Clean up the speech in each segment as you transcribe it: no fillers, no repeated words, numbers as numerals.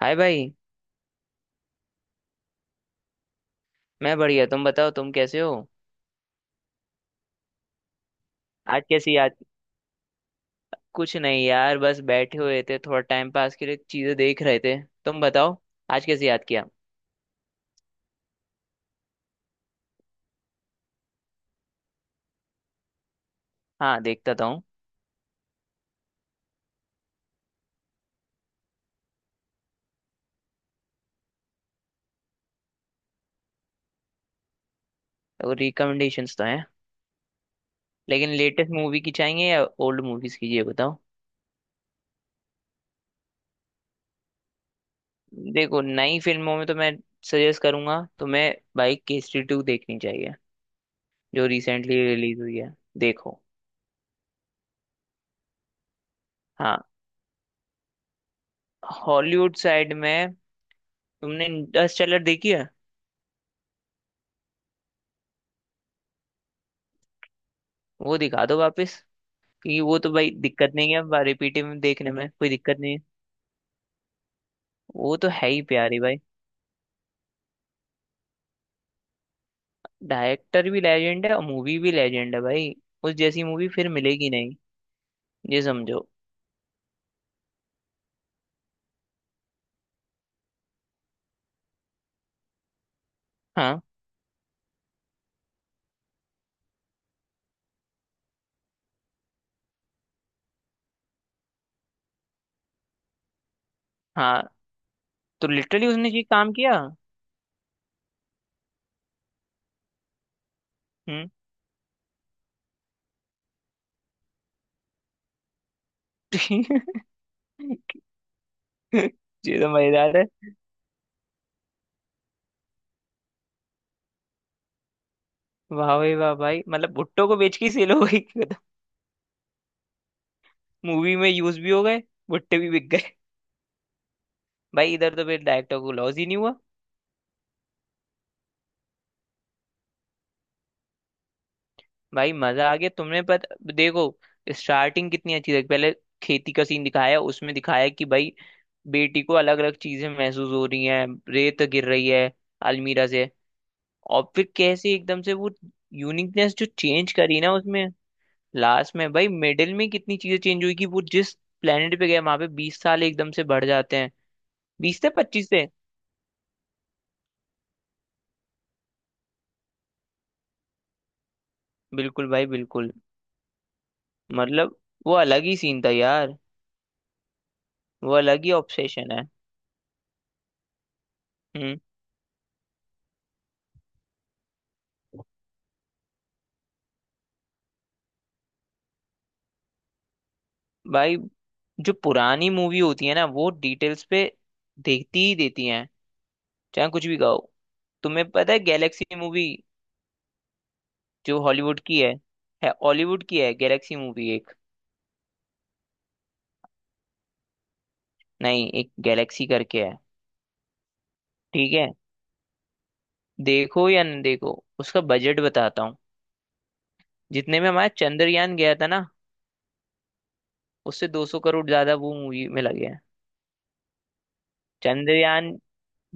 हाय भाई। मैं बढ़िया, तुम बताओ तुम कैसे हो। आज कैसी याद। कुछ नहीं यार, बस बैठे हुए थे, थोड़ा टाइम पास के लिए चीजें देख रहे थे। तुम बताओ। आज कैसे याद किया। हाँ देखता था हूँ। तो रिकमेंडेशंस तो हैं, लेकिन लेटेस्ट मूवी की चाहिए या ओल्ड मूवीज की ये बताओ। देखो नई फिल्मों में तो मैं सजेस्ट करूंगा तुम्हें, भाई केसरी टू देखनी चाहिए, जो रिसेंटली रिलीज हुई है। देखो। हाँ, हॉलीवुड साइड में तुमने इंटरस्टेलर देखी है। वो दिखा दो वापस, क्योंकि वो तो भाई दिक्कत नहीं है, अब रिपीटिव में देखने में कोई दिक्कत नहीं है। वो तो है ही प्यारी भाई। डायरेक्टर भी लेजेंड है और मूवी भी लेजेंड है भाई। उस जैसी मूवी फिर मिलेगी नहीं। ये समझो। हाँ हाँ। तो लिटरली उसने ये काम किया। हम्म। ये तो मजेदार है। वाह भाई वाह भाई, मतलब भुट्टो को बेच के सेल हो गई। मूवी में यूज भी हो गए, भुट्टे भी बिक गए। भाई इधर तो फिर डायरेक्टर को लॉस ही नहीं हुआ। भाई मजा आ गया तुमने, पता देखो, स्टार्टिंग कितनी अच्छी थी पहले। खेती का सीन दिखाया, उसमें दिखाया कि भाई बेटी को अलग अलग चीजें महसूस हो रही हैं, रेत गिर रही है अलमीरा से। और फिर कैसे एकदम से वो यूनिकनेस जो चेंज करी ना उसमें। लास्ट में भाई, मिडिल में कितनी चीजें चेंज हुई, कि वो जिस प्लेनेट पे गए वहां पे 20 साल एकदम से बढ़ जाते हैं, 20 से 25 से। बिल्कुल भाई बिल्कुल। मतलब वो अलग ही सीन था यार। वो अलग ही ऑब्सेशन है। हम्म। भाई जो पुरानी मूवी होती है ना, वो डिटेल्स पे देखती ही देती हैं, चाहे कुछ भी कहो। तुम्हें पता है गैलेक्सी मूवी, जो हॉलीवुड की है। है हॉलीवुड की है, गैलेक्सी मूवी एक। नहीं, एक गैलेक्सी करके है। ठीक है, देखो या न देखो, उसका बजट बताता हूँ। जितने में हमारा चंद्रयान गया था ना, उससे 200 करोड़ ज्यादा वो मूवी में लगे हैं। चंद्रयान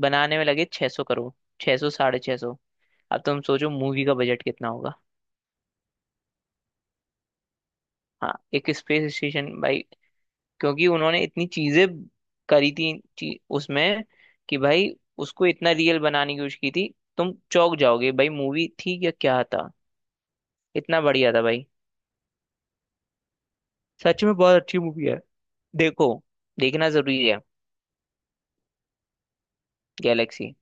बनाने में लगे 600 करोड़, 600, साढ़े 600। अब तुम सोचो मूवी का बजट कितना होगा। हाँ, एक स्पेस स्टेशन भाई। क्योंकि उन्होंने इतनी चीजें करी थी उसमें, कि भाई उसको इतना रियल बनाने की कोशिश की थी। तुम चौंक जाओगे भाई, मूवी थी या क्या था, इतना बढ़िया था भाई। सच में बहुत अच्छी मूवी है। देखो, देखना जरूरी है। गैलेक्सी।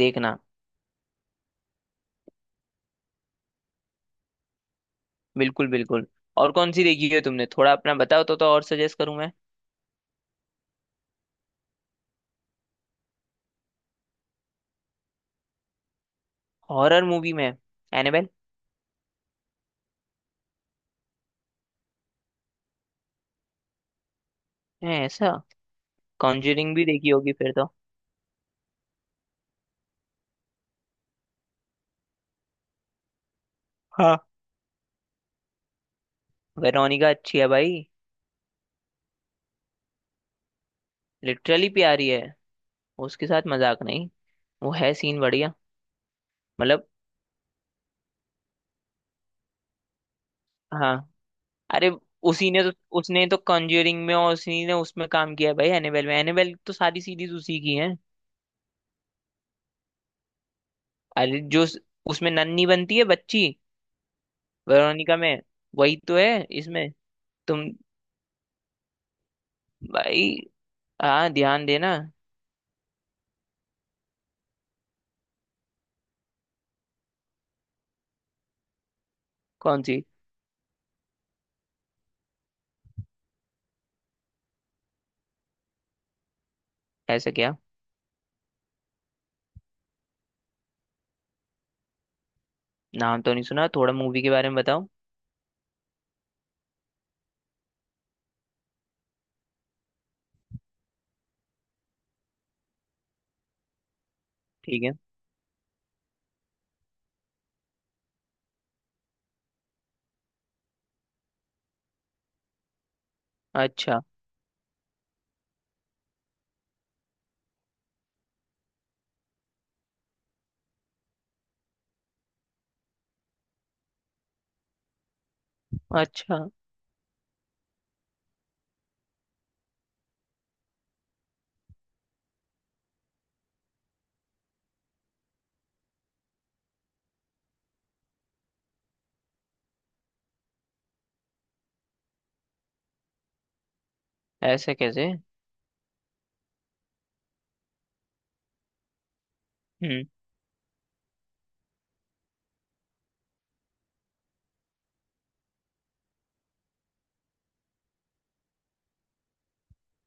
देखना। बिल्कुल बिल्कुल। और कौन सी देखी है तुमने, थोड़ा अपना बताओ तो और सजेस्ट करूं मैं। हॉरर मूवी में एनाबेल। है ऐसा। कॉन्जरिंग भी देखी होगी फिर तो। हाँ। वेरोनिका अच्छी है भाई, लिटरली प्यारी है, उसके साथ मजाक नहीं। वो है सीन बढ़िया। मतलब। हाँ। अरे, उसी ने तो, उसने तो कॉन्ज्यूरिंग में और उसी ने उसमें काम किया है भाई, एनेबेल में, एनेबेल तो सारी सीरीज उसी की है। अरे जो उसमें नन्ही बनती है बच्ची, वेरोनिका में, वही तो है इसमें। तुम। भाई। हाँ ध्यान देना। कौन सी। ऐसा क्या। नाम तो नहीं सुना, थोड़ा मूवी के बारे में बताओ। ठीक है। अच्छा। अच्छा। ऐसा कैसे। हम्म।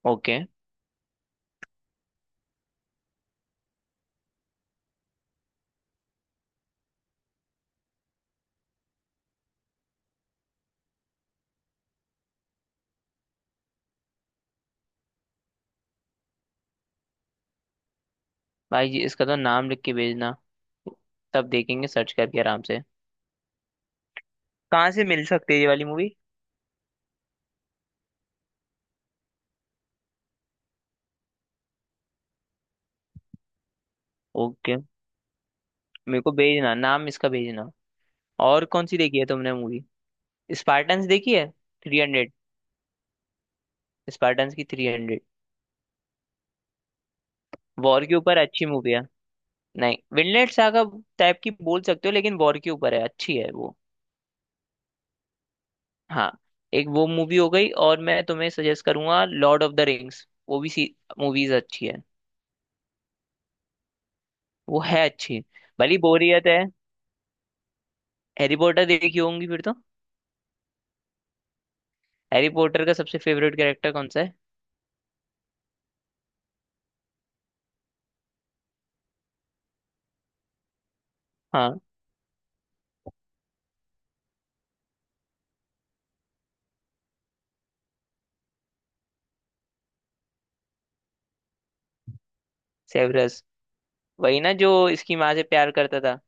ओके। भाई जी इसका तो नाम लिख के भेजना, तब देखेंगे सर्च करके आराम से। कहाँ से मिल सकती है ये वाली मूवी। ओके। मेरे को भेजना, नाम इसका भेजना। और कौन सी देखी है तुमने मूवी, स्पार्टन्स देखी है, 300, स्पार्टन्स की 300। वॉर के ऊपर अच्छी मूवी है। नहीं, विनलेट सागा टाइप की बोल सकते हो, लेकिन वॉर के ऊपर है, अच्छी है वो। हाँ। एक वो मूवी हो गई और मैं तुम्हें सजेस्ट करूंगा लॉर्ड ऑफ द रिंग्स, वो भी सी मूवीज अच्छी है। वो है अच्छी। भली बोरियत है। हैरी पॉटर देखी होंगी फिर तो। हैरी पॉटर का सबसे फेवरेट कैरेक्टर कौन सा है। हाँ। सेवरस, वही ना जो इसकी माँ से प्यार करता था।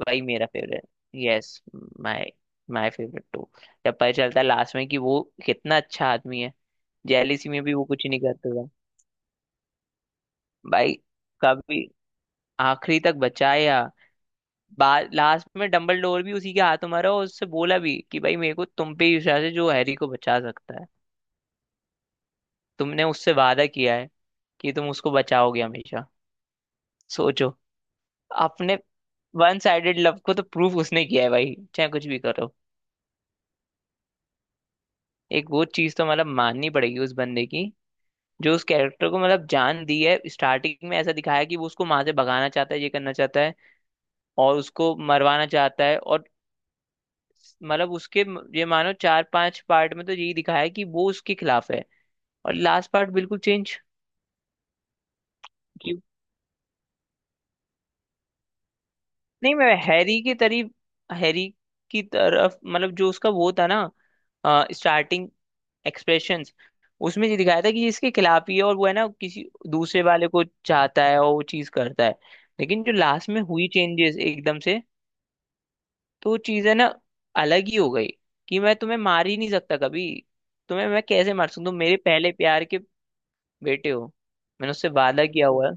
वही मेरा favourite. Yes. My my favourite too. जब पता चलता है लास्ट में कि वो कितना अच्छा आदमी है। जेलिसी में भी वो कुछ नहीं करता था। भाई, कभी। आखिरी तक बचाया। बाद लास्ट में डंबलडोर भी उसी के हाथों मारा, और उससे बोला भी कि भाई मेरे को तुम पे ही विश्वास है, जो हैरी को बचा सकता है। तुमने उससे वादा किया है कि तुम उसको बचाओगे हमेशा। सोचो, अपने वन साइडेड लव को तो प्रूफ उसने किया है भाई, चाहे कुछ भी करो। एक वो चीज तो मतलब माननी पड़ेगी उस बंदे की, जो उस कैरेक्टर को मतलब जान दी है। स्टार्टिंग में ऐसा दिखाया कि वो उसको वहां से भगाना चाहता है, ये करना चाहता है और उसको मरवाना चाहता है। और मतलब उसके ये मानो चार पांच पार्ट में तो यही दिखाया है कि वो उसके खिलाफ है, और लास्ट पार्ट बिल्कुल चेंज। नहीं, मैं हैरी की तरीफ, हैरी की तरफ, मतलब जो उसका वो था ना, स्टार्टिंग एक्सप्रेशंस, उसमें ये दिखाया था कि ये इसके खिलाफ ही है, और वो है ना किसी दूसरे वाले को चाहता है और वो चीज करता है। लेकिन जो लास्ट में हुई चेंजेस एकदम से, तो वो चीज है ना, अलग ही हो गई। कि मैं तुम्हें मार ही नहीं सकता कभी, तुम्हें मैं कैसे मार सकता, तुम मेरे पहले प्यार के बेटे हो, मैंने उससे वादा किया हुआ है।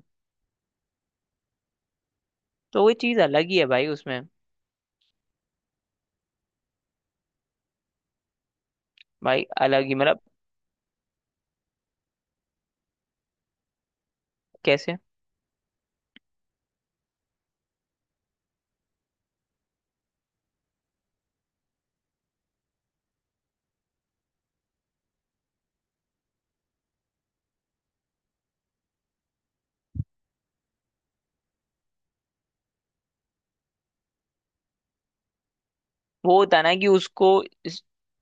तो वो चीज अलग ही है भाई उसमें। भाई अलग ही मतलब। कैसे। वो होता ना कि उसको इस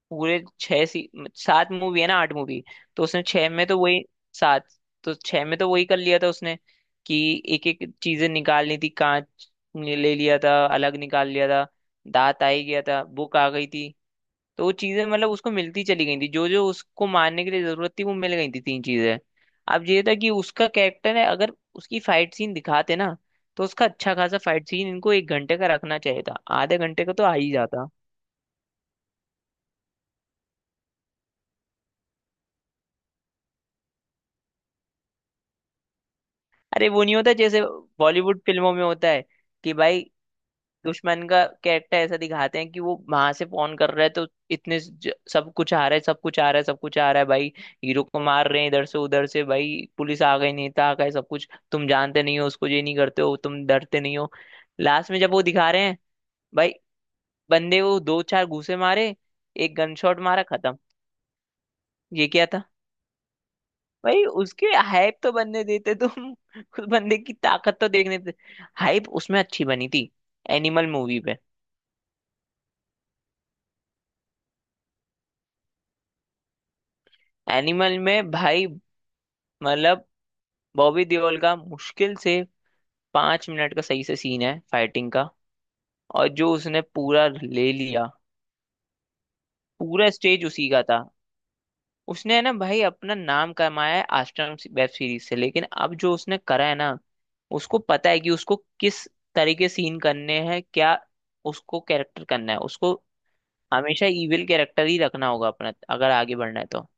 पूरे छह सी सात मूवी है ना, आठ मूवी। तो उसने छह में तो वही, सात, तो छह में तो वही कर लिया था उसने। कि एक एक चीजें निकालनी थी, कांच ने ले लिया था, अलग निकाल लिया था, दांत आ ही गया था, बुक आ गई थी। तो वो चीजें मतलब उसको मिलती चली गई थी, जो जो उसको मारने के लिए जरूरत थी वो मिल गई थी, तीन चीजें। अब ये था कि उसका कैरेक्टर है, अगर उसकी फाइट सीन दिखाते ना, तो उसका अच्छा खासा फाइट सीन इनको एक घंटे का रखना चाहिए था, आधे घंटे का तो आ ही जाता। अरे वो नहीं होता जैसे बॉलीवुड फिल्मों में होता है कि भाई दुश्मन का कैरेक्टर ऐसा दिखाते हैं कि वो वहां से फोन कर रहा है, तो इतने सब कुछ आ रहा है, सब कुछ आ रहा है, सब कुछ आ रहा है भाई, हीरो को मार रहे हैं इधर से उधर से, भाई पुलिस आ गई, नेता आ गए, सब कुछ, तुम जानते नहीं हो उसको, ये नहीं करते हो, तुम डरते नहीं हो। लास्ट में जब वो दिखा रहे हैं, भाई बंदे को दो चार घूंसे मारे, एक गन शॉट मारा, खत्म। ये क्या था। भाई उसके हाइप तो बनने देते तुम। उस बंदे की ताकत तो देखने देते, हाइप उसमें अच्छी बनी थी। एनिमल मूवी पे। एनिमल में भाई मतलब बॉबी देओल का मुश्किल से 5 मिनट का सही से सीन है फाइटिंग का, और जो उसने पूरा ले लिया, पूरा स्टेज उसी का था। उसने है ना भाई अपना नाम कमाया है आश्रम वेब सीरीज से, लेकिन अब जो उसने करा है ना, उसको पता है कि उसको किस तरीके सीन करने हैं, क्या उसको कैरेक्टर करना है, उसको हमेशा इविल कैरेक्टर ही रखना होगा अपना, अगर आगे बढ़ना है तो।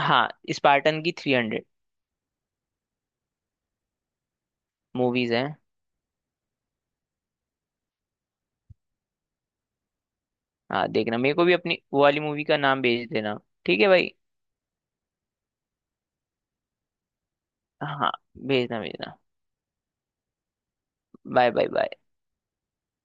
हाँ। स्पार्टन की 300। मूवीज हैं। हाँ देखना, मेरे को भी अपनी वो वाली मूवी का नाम भेज देना। ठीक है भाई। हाँ, भेजना भेजना। Bye bye bye.